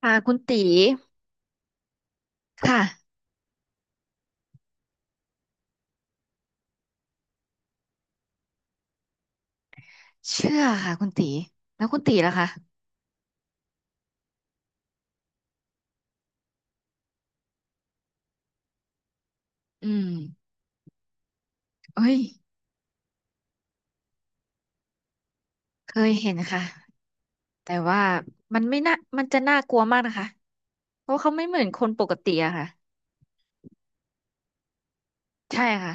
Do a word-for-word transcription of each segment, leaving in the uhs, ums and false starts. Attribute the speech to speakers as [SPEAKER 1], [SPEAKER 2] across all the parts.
[SPEAKER 1] ค่ะคุณตีค่ะเชื่อค่ะคุณตีแล้วคุณตีล่ะคะอืมเอ้ยเคยเห็นค่ะแต่ว่ามันไม่น่ามันจะน่ากลัวมากนะคะเพราะเขาไม่เหมือนคนปกติอะค่ะใช่ค่ะ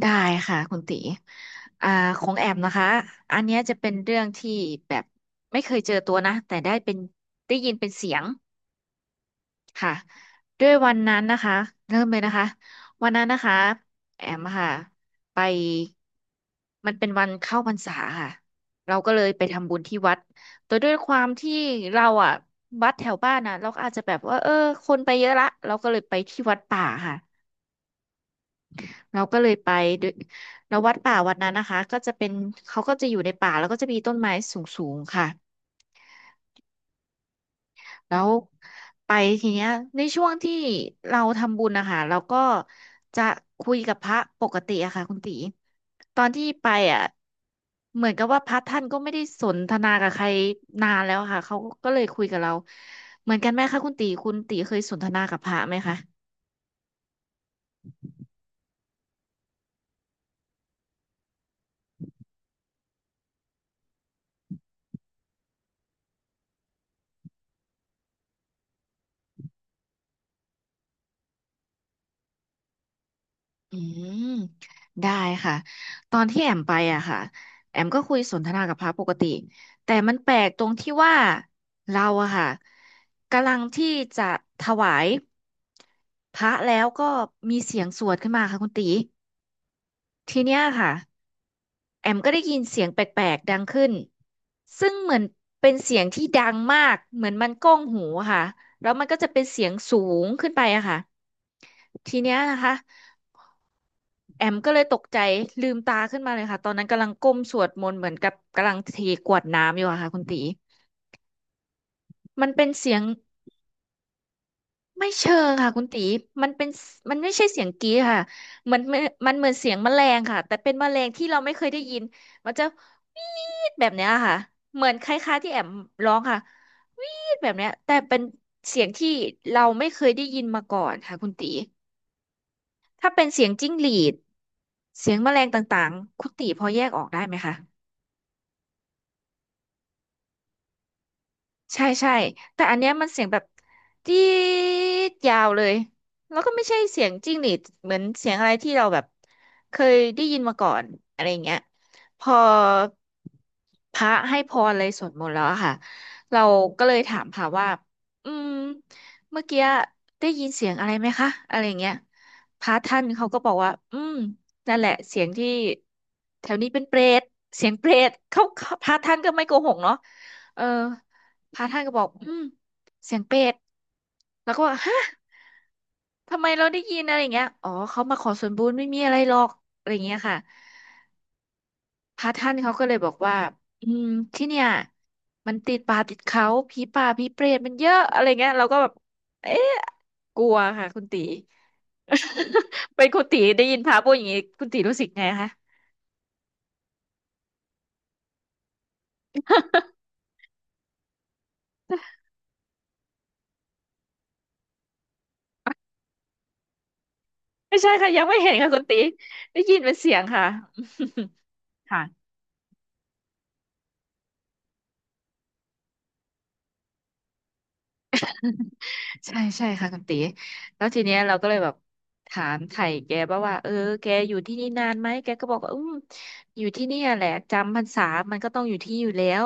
[SPEAKER 1] ได้ค่ะคุณตีอ่าของแอมนะคะอันเนี้ยจะเป็นเรื่องที่แบบไม่เคยเจอตัวนะแต่ได้เป็นได้ยินเป็นเสียง ค่ะด้วยวันนั้นนะคะเริ่มเลยนะคะวันนั้นนะคะแอมค่ะไปมันเป็นวันเข้าพรรษาค่ะเราก็เลยไปทำบุญที่วัดแต่ด้วยความที่เราอะวัดแถวบ้านนะเราก็อาจจะแบบว่าเออคนไปเยอะละเราก็เลยไปที่วัดป่าค่ะเราก็เลยไปด้วยแล้ววัดป่าวัดนั้นนะคะก็จะเป็นเขาก็จะอยู่ในป่าแล้วก็จะมีต้นไม้สูงๆค่ะ แล้วไปทีเนี้ยในช่วงที่เราทำบุญนะคะเราก็จะคุยกับพระปกติอะค่ะคุณตีตอนที่ไปอะเหมือนกับว่าพระท่านก็ไม่ได้สนทนากับใครนานแล้วอะค่ะเขาก็เลยคุยกับเราเหมือนกันไหมคะคุณตีคุณตีเคยสนทนากับพระไหมคะ อืมได้ค่ะตอนที่แอมไปอะค่ะแอมก็คุยสนทนากับพระปกติแต่มันแปลกตรงที่ว่าเราอะค่ะกำลังที่จะถวายพระแล้วก็มีเสียงสวดขึ้นมาค่ะคุณตีทีเนี้ยค่ะแอมก็ได้ยินเสียงแปลกๆดังขึ้นซึ่งเหมือนเป็นเสียงที่ดังมากเหมือนมันก้องหูอะค่ะแล้วมันก็จะเป็นเสียงสูงขึ้นไปอะค่ะทีเนี้ยนะคะ แอมก็เลยตกใจลืมตาขึ้นมาเลยค่ะตอนนั้นกำลังก้มสวดมนต์เหมือนกับกำลังเทกวดน้ำอยู่อะค่ะคุณตีมันเป็นเสียงไม่เชิงค่ะคุณตีมันเป็นมันไม่ใช่เสียงกรี๊ดค่ะมันมันมันเหมือนเสียงแมลงค่ะแต่เป็นแมลงที่เราไม่เคยได้ยินมันจะวีดแบบเนี้ยค่ะเหมือนคล้ายๆที่แอมร้องค่ะวีดแบบเนี้ยแต่เป็นเสียงที่เราไม่เคยได้ยินมาก่อนค่ะคุณตีถ้าเป็นเสียงจิ้งหรีดเสียงแมลงต่างๆคุณตีพอแยกออกได้ไหมคะ ใช่ใช่ แต่อันเนี้ยมันเสียงแบบจี๊ดยาวเลยแล้วก็ไม่ใช่เสียงจิ้งหรีดเหมือนเสียงอะไรที่เราแบบเคยได้ยินมาก่อนอะไรอย่างเงี้ยพอพระให้พรเลยสวดมนต์แล้วอะค่ะเราก็เลยถามพระว่าอืมเมื่อกี้ได้ยินเสียงอะไรไหมคะอะไรอย่างเงี้ยพระท่านเขาก็บอกว่าอืมนั่นแหละเสียงที่แถวนี้เป็นเปรตเสียงเปรตเขาเขาพระท่านก็ไม่โกหกเนาะเออ พระท่านก็บอกอืมเสียงเป็ดแล้วก็บอกฮะทำไมเราได้ยินอะไรอย่างเงี้ยอ๋อเขามาขอส่วนบุญไม่มีอะไรหรอกอะไรอย่างเงี้ยค่ะพระท่านเขาก็เลยบอกว่าอืมที่เนี่ยมันติดป่าติดเขาผีป่าผีเปรตมันเยอะอะไรเงี้ยเราก็แบบเอ๊ะกลัวค่ะคุณตี เป็นคุณตีได้ยินพระพูดอย่างงี้คุณตีรู้สึกไงคะไม่ใช่ค่ะยังไม่เห็นค่ะคุณตีได้ยินเป็นเสียงค่ะ ค่ะ ใช่ใช่ค่ะคุณตีแล้วทีเนี้ยเราก็เลยแบบถามไถ่แกบ้างว่าเออแกอยู่ที่นี่นานไหมแกก็บอกว่าอืมอยู่ที่เนี่ยแหละจำพรรษามันก็ต้องอยู่ที่อยู่แล้ว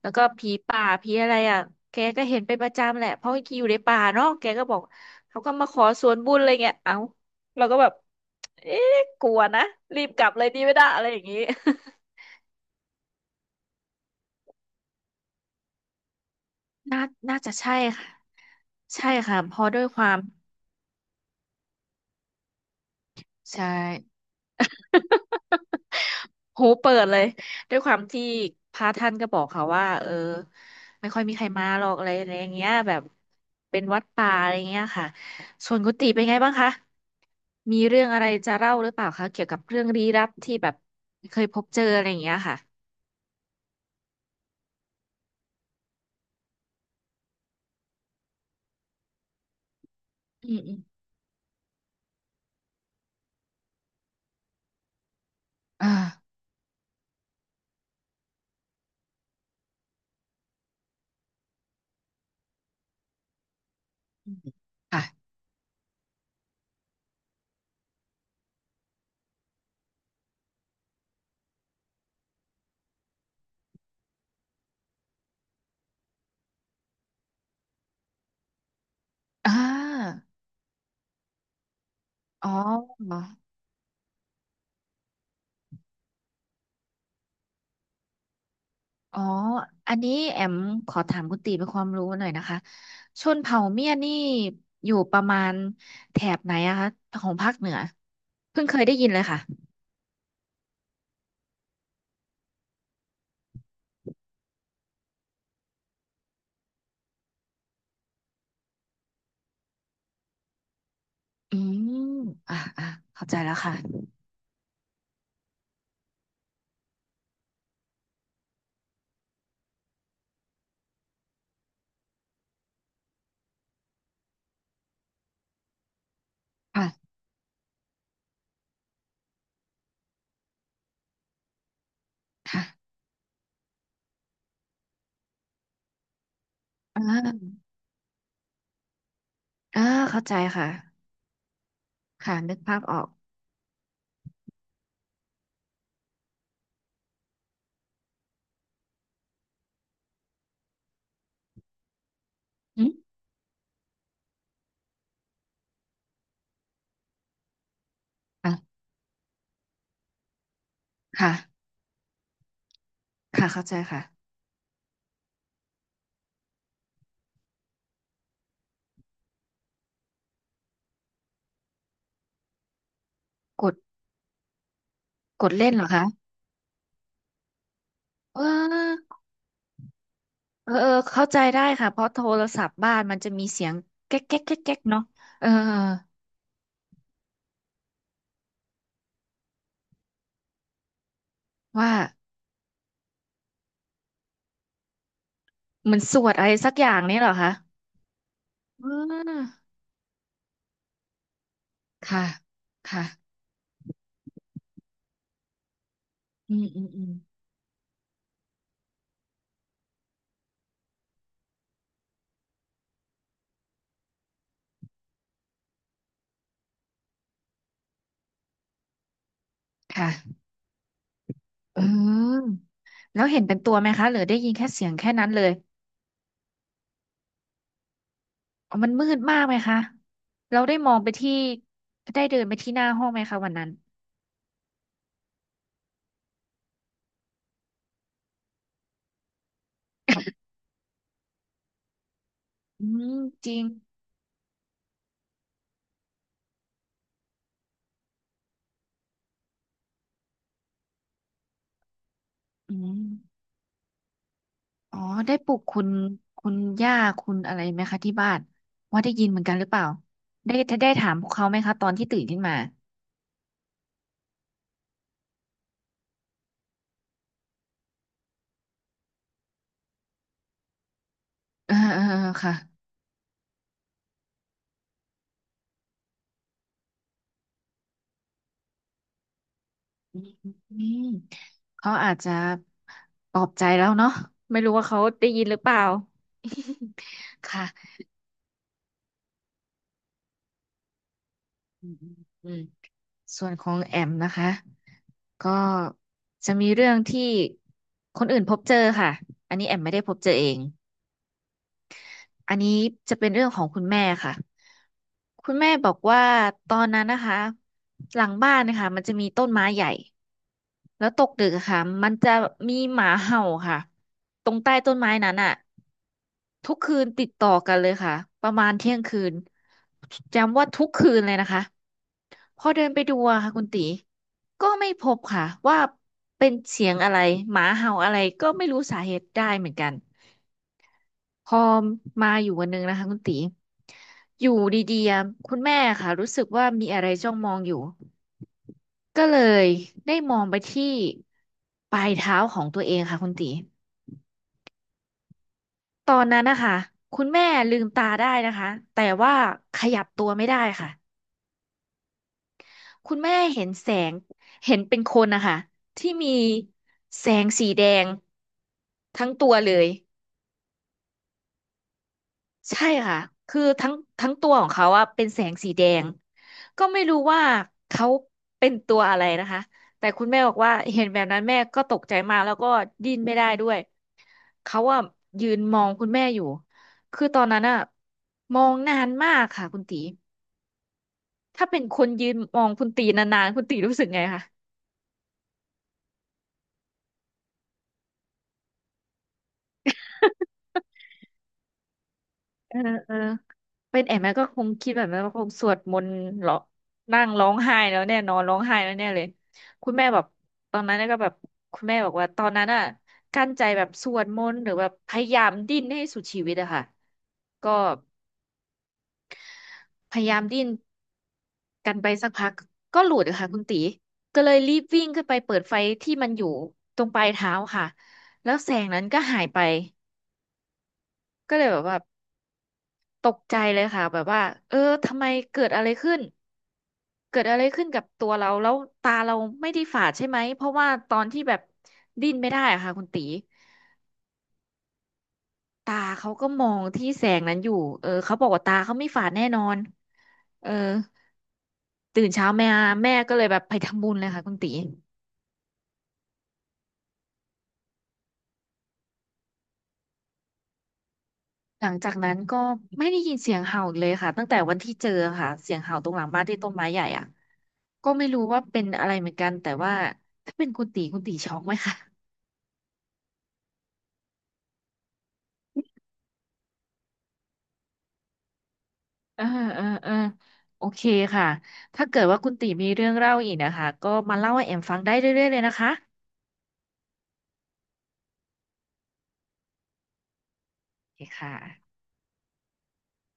[SPEAKER 1] แล้วก็ผีป่าผีอะไรอ่ะแกก็เห็นเป็นประจำแหละเพราะอยู่ในป่าเนาะแกก็บอกเขาก็มาขอส่วนบุญอะไรเงี้ยเอ้าเราก็แบบเอ๊ะกลัวนะรีบกลับเลยดีไม่ได้อะไรอย่างงี้ น่าน่าจะใช่ค่ะใช่ค่ะเพราะด้วยความใช่ หูเปิดเลยด้วยความที่พระท่านก็บอกเขาว่าเออไม่ค่อยมีใครมาหรอกอะไรอะไรอย่างเงี้ยแบบเป็นวัดป่าอะไรเงี้ยค่ะส่วนกุฏิเป็นไงบ้างคะมีเรื่องอะไรจะเล่าหรือเปล่าคะเกี่ยวกับเรื่องลี้ลับที่แบบเคยพบเจออะไรอย่างเงี้ยค่ะอืมอืมอ่าอืมค่ะอ่าอ๋อ อ๋อ อันนี้แอมขอถามคุณตีเป็นความรู้หน่อยนะคะชนเผ่าเมียนี่อยู่ประมาณแถบไหนอะคะของภาคเหนือเพิ่งเคยได้ยินเลยค่ะอืมอ่าอ่าเข้าใจแล้วค่ะค่ะค่ะอ่าอ่าเข้าใจค่ะค่ะนึกภาพออกอืมอ่ะค่ะค่ะเข้าใจค่ะกดกดเล่นเหรอคะเออเออเออเข้าใจได้ค่ะ เพราะโทรศัพท์บ้านมันจะมีเสียงแก๊กแก๊กแก๊กแก๊กเนาะเออว่า เหมือนสวดอะไรสักอย่างเนี่ยเหรอคะอ่าค่ะ ค่ะอืมอืมอืมค่ะเออแล้วเห็นเป็นตัวไหมคะหรือได้ยินแค่เสียงแค่นั้นเลยอ๋อมันมืดมากไหมคะ เราได้มองไปที่ได้เดินไปที่หน้าห้องไหมคะวันนั้น อืมจริงอืมอ๋อได้ปลุกคุณคุณย่าคุณอะไรไหมคะที่บ้านว่าได้ยินเหมือนกันหรือเปล่า ได้ได้ถามพวกเขาไหมคะตอนที่ตื่นขึ้นมาเออเออเออค่ะ อืมเขาอาจจะปลอบใจแล้วเนาะไม่รู้ว่าเขาได้ยินหรือเปล่า ค่ะอืมอืมส่วนของแอมนะคะก็จะมีเรื่องที่คนอื่นพบเจอค่ะอันนี้แอมไม่ได้พบเจอเองอันนี้จะเป็นเรื่องของคุณแม่ค่ะคุณแม่บอกว่าตอนนั้นนะคะหลังบ้านนะคะมันจะมีต้นไม้ใหญ่ แล้วตกดึกอะค่ะมันจะมีหมาเห่าค่ะตรงใต้ต้นไม้นั้นอ่ะทุกคืนติดต่อกันเลยค่ะประมาณเที่ยงคืนจำว่าทุกคืนเลยนะคะพอเดินไปดูอะค่ะคุณตีก็ไม่พบค่ะว่าเป็นเสียงอะไรหมาเห่าอะไรก็ไม่รู้สาเหตุได้เหมือนกันพอมาอยู่วันหนึงนะคะคุณตีอยู่ดีๆอะคุณแม่ค่ะรู้สึกว่ามีอะไรจ้องมองอยู่ ก็เลยได้มองไปที่ปลายเท้าของตัวเองค่ะคุณตีตอนนั้นนะคะคุณแม่ลืมตาได้นะคะแต่ว่าขยับตัวไม่ได้ค่ะคุณแม่เห็นแสงเห็นเป็นคนนะคะที่มีแสงสีแดงทั้งตัวเลยใช่ค่ะคือทั้งทั้งตัวของเขาอะเป็นแสงสีแดงก็ไม่รู้ว่าเขาเป็นตัวอะไรนะคะแต่คุณแม่บอกว่าเห็นแบบนั้นแม่ก็ตกใจมากแล้วก็ดิ้นไม่ได้ด้วย เขาอะยืนมองคุณแม่อยู่คือตอนนั้นอะมองนานมากค่ะคุณตีถ้าเป็นคนยืนมองคุณตีนานๆคุณตีรู้สึกไงคะเออเออเป็นแอมแม่ก็คงคิดแบบนั้นว่าคงสวดมนต์เหรอนั่งร้องไห้แล้วแน่นอนร้องไห้แล้วแน่เลยคุณแม่แบบตอนนั้นก็แบบคุณแม่บอกว่าตอนนั้นอะกั้นใจแบบสวดมนต์หรือแบบพยายามดิ้นให้สุดชีวิตอะค่ะก็พยายามดิ้น กันไปสักพักก็หลุดอะค่ะคุณตีก็เลยรีบวิ่งขึ้นไปเปิดไฟที่มันอยู่ตรงปลายเท้าค่ะแล้วแสงนั้นก็หายไปก็เลยแบบว่าตกใจเลยค่ะแบบว่าเออทำไมเกิดอะไรขึ้นเกิดอะไรขึ้นกับตัวเราแล้วตาเราไม่ได้ฝาดใช่ไหมเพราะว่าตอนที่แบบดิ้นไม่ได้อะค่ะคุณตีตาเขาก็มองที่แสงนั้นอยู่เออเขาบอกว่าตาเขาไม่ฝาดแน่นอนเออตื่นเช้าแม่แม่ก็เลยแบบไปทำบุญเลยค่ะคุณตี หลังจากนั้นก็ไม่ได้ยินเสียงเห่าอีกเลยค่ะตั้งแต่วันที่เจอค่ะเสียงเห่าตรงหลังบ้านที่ต้นไม้ใหญ่อ่ะก็ไม่รู้ว่าเป็นอะไรเหมือนกันแต่ว่าถ้าเป็นคุณตีคุณตีช็อกไหมคะเออเออเออโอเคค่ะถ้าเกิดว่าคุณตีมีเรื่องเล่าอีกนะคะก็มาเล่าให้แอมฟังได้เรื่อยๆเลยนะคะโอเคค่ะ